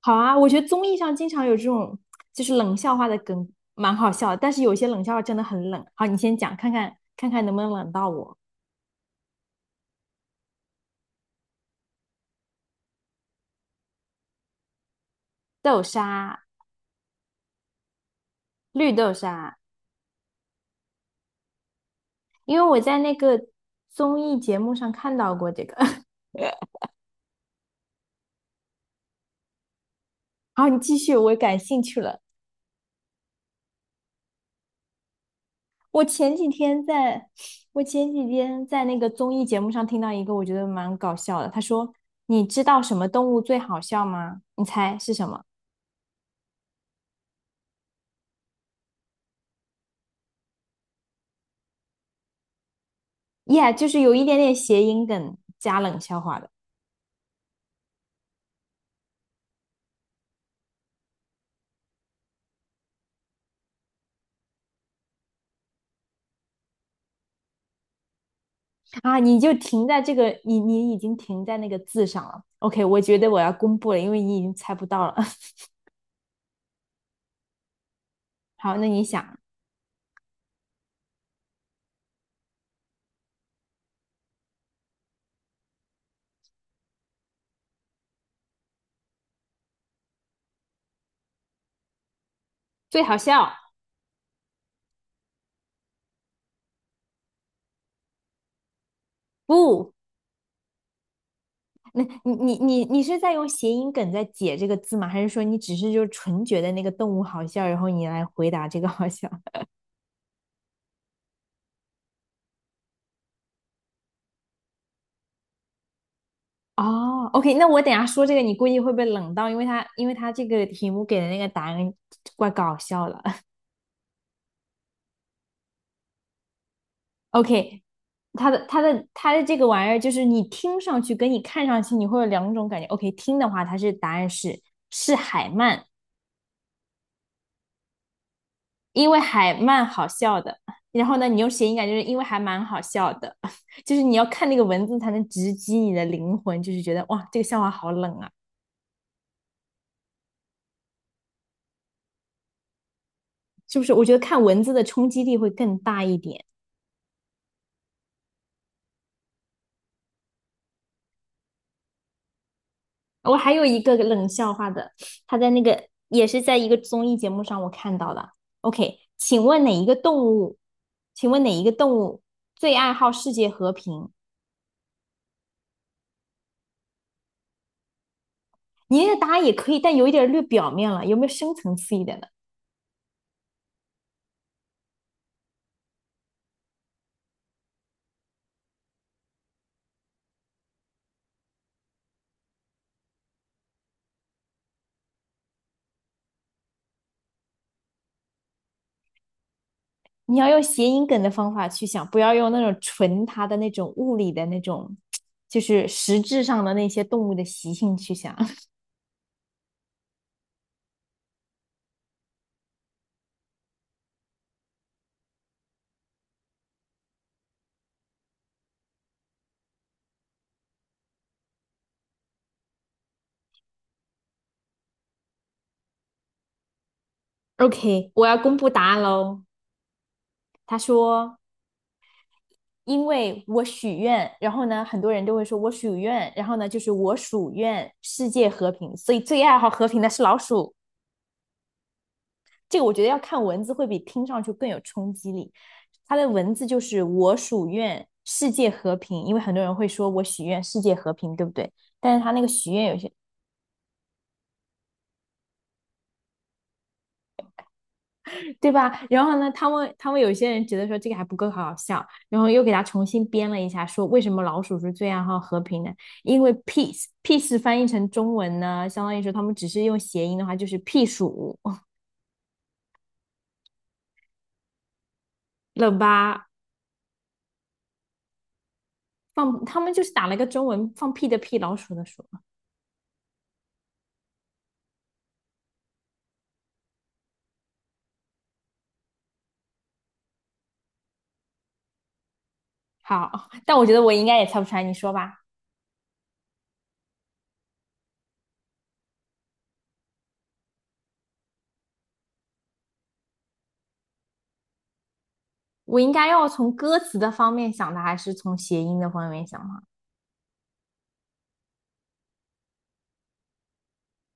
好啊，我觉得综艺上经常有这种就是冷笑话的梗，蛮好笑的。但是有些冷笑话真的很冷。好，你先讲，看看能不能冷到我。豆沙，绿豆沙，因为我在那个综艺节目上看到过这个。好，你继续，我感兴趣了。我前几天在，我前几天在那个综艺节目上听到一个，我觉得蛮搞笑的。他说：“你知道什么动物最好笑吗？你猜是什么？”Yeah，就是有一点点谐音梗加冷笑话的。啊，你就停在这个，你已经停在那个字上了。OK，我觉得我要公布了，因为你已经猜不到了。好，那你想，最好笑不？那你是在用谐音梗在解这个字吗？还是说你只是就纯觉得那个动物好笑，然后你来回答这个好笑？哦，OK，那我等一下说这个，你估计会被冷到，因为他这个题目给的那个答案怪搞笑的。OK,它的这个玩意儿，就是你听上去跟你看上去，你会有两种感觉。OK，听的话，它是答案是海曼，因为海曼好笑的。然后呢，你用谐音感，就是因为还蛮好笑的，就是你要看那个文字才能直击你的灵魂，就是觉得哇，这个笑话好冷啊，是不是？我觉得看文字的冲击力会更大一点。我还有一个冷笑话的，他在那个也是在一个综艺节目上我看到的。OK，请问哪一个动物？请问哪一个动物最爱好世界和平？你那个答案也可以，但有一点略表面了，有没有深层次一点的？你要用谐音梗的方法去想，不要用那种纯它的那种物理的那种，就是实质上的那些动物的习性去想。OK，我要公布答案喽。他说。因为我许愿，然后呢，很多人都会说我许愿，然后呢，就是我属愿世界和平，所以最爱好和平的是老鼠。这个我觉得要看文字会比听上去更有冲击力。它的文字就是我属愿世界和平，因为很多人会说我许愿世界和平，对不对？但是他那个许愿有些对吧？然后呢，他们有些人觉得说这个还不够好笑，然后又给他重新编了一下，说为什么老鼠是最爱好和平的？因为 peace peace 翻译成中文呢，相当于说他们只是用谐音的话就是屁鼠了吧？放他们就是打了个中文放屁的屁，老鼠的鼠。好，但我觉得我应该也猜不出来，你说吧。我应该要从歌词的方面想的，还是从谐音的方面想的？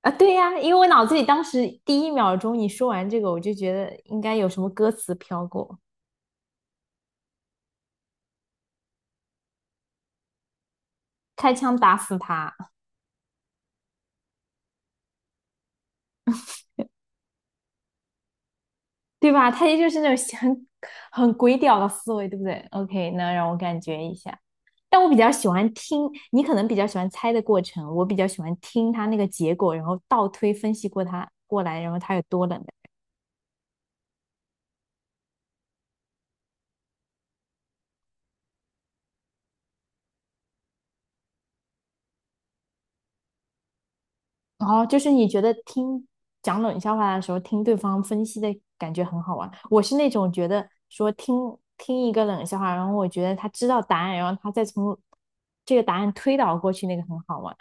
啊，对呀，因为我脑子里当时第一秒钟你说完这个，我就觉得应该有什么歌词飘过。开枪打死他，对吧？他也就是那种很鬼屌的思维，对不对？OK，那让我感觉一下。但我比较喜欢听，你可能比较喜欢猜的过程，我比较喜欢听他那个结果，然后倒推分析过他过来，然后他有多冷的。然后就是你觉得听讲冷笑话的时候，听对方分析的感觉很好玩。我是那种觉得说听一个冷笑话，然后我觉得他知道答案，然后他再从这个答案推导过去，那个很好玩。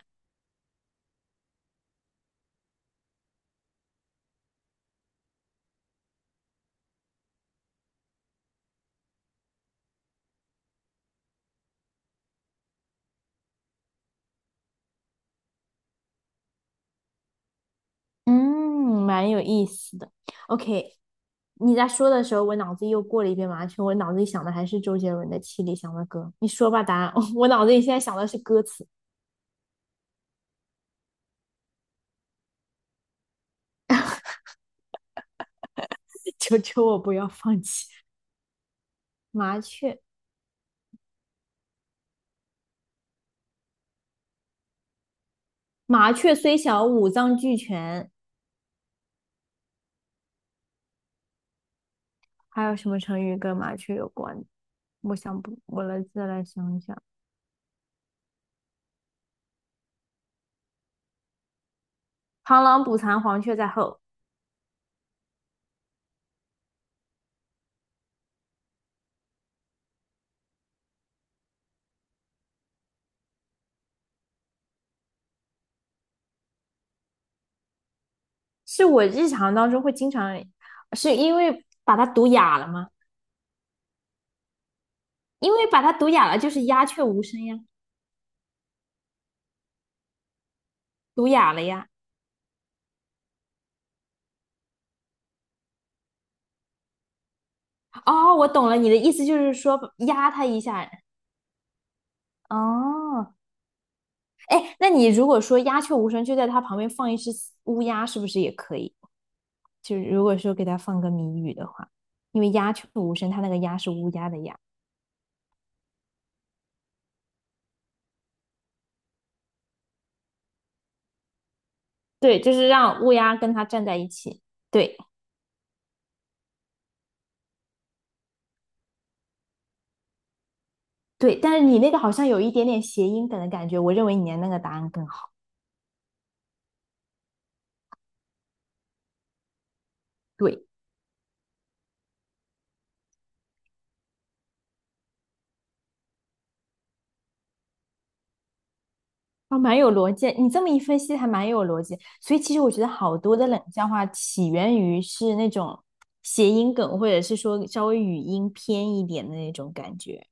嗯，蛮有意思的。OK，你在说的时候，我脑子又过了一遍麻雀，我脑子里想的还是周杰伦的《七里香》的歌。你说吧，答案。我脑子里现在想的是歌词，求求我不要放弃。麻雀，麻雀虽小，五脏俱全。还有什么成语跟麻雀有关的我想不，我来再来想一想。螳螂捕蝉，黄雀在后，是我日常当中会经常，是因为把它读哑了吗？因为把它读哑了，就是鸦雀无声呀。毒哑了呀。哦，我懂了，你的意思就是说压他一下。哦，哎，那你如果说鸦雀无声，就在他旁边放一只乌鸦，是不是也可以？就是如果说给他放个谜语的话，因为鸦雀无声，它那个鸦是乌鸦的鸦。对，就是让乌鸦跟他站在一起。对对，但是你那个好像有一点点谐音梗的感觉，我认为你的那个答案更好。对。啊，蛮有逻辑。你这么一分析，还蛮有逻辑。所以其实我觉得好多的冷笑话起源于是那种谐音梗，或者是说稍微语音偏一点的那种感觉。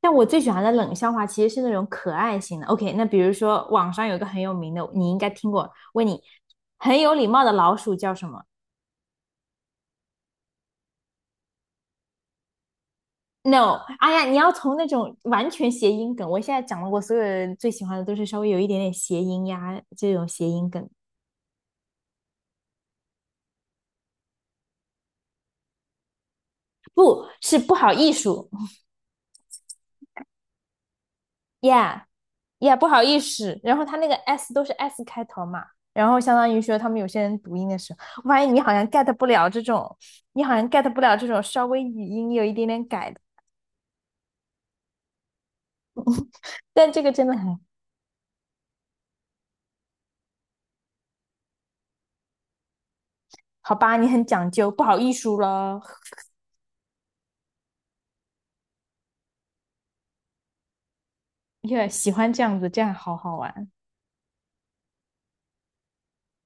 但我最喜欢的冷笑话其实是那种可爱型的。OK，那比如说网上有一个很有名的，你应该听过。问你，很有礼貌的老鼠叫什么？No，哎呀，你要从那种完全谐音梗。我现在讲的，我所有人最喜欢的都是稍微有一点点谐音呀，这种谐音梗。不是不好艺术。，yeah yeah，不好意思，然后他那个 s 都是 s 开头嘛，然后相当于说他们有些人读音的时候，我发现你好像 get 不了这种，你好像 get 不了这种稍微语音有一点点改的，但这个真的很好吧，你很讲究，不好意思了 ，yeah，喜欢这样子，这样好好玩。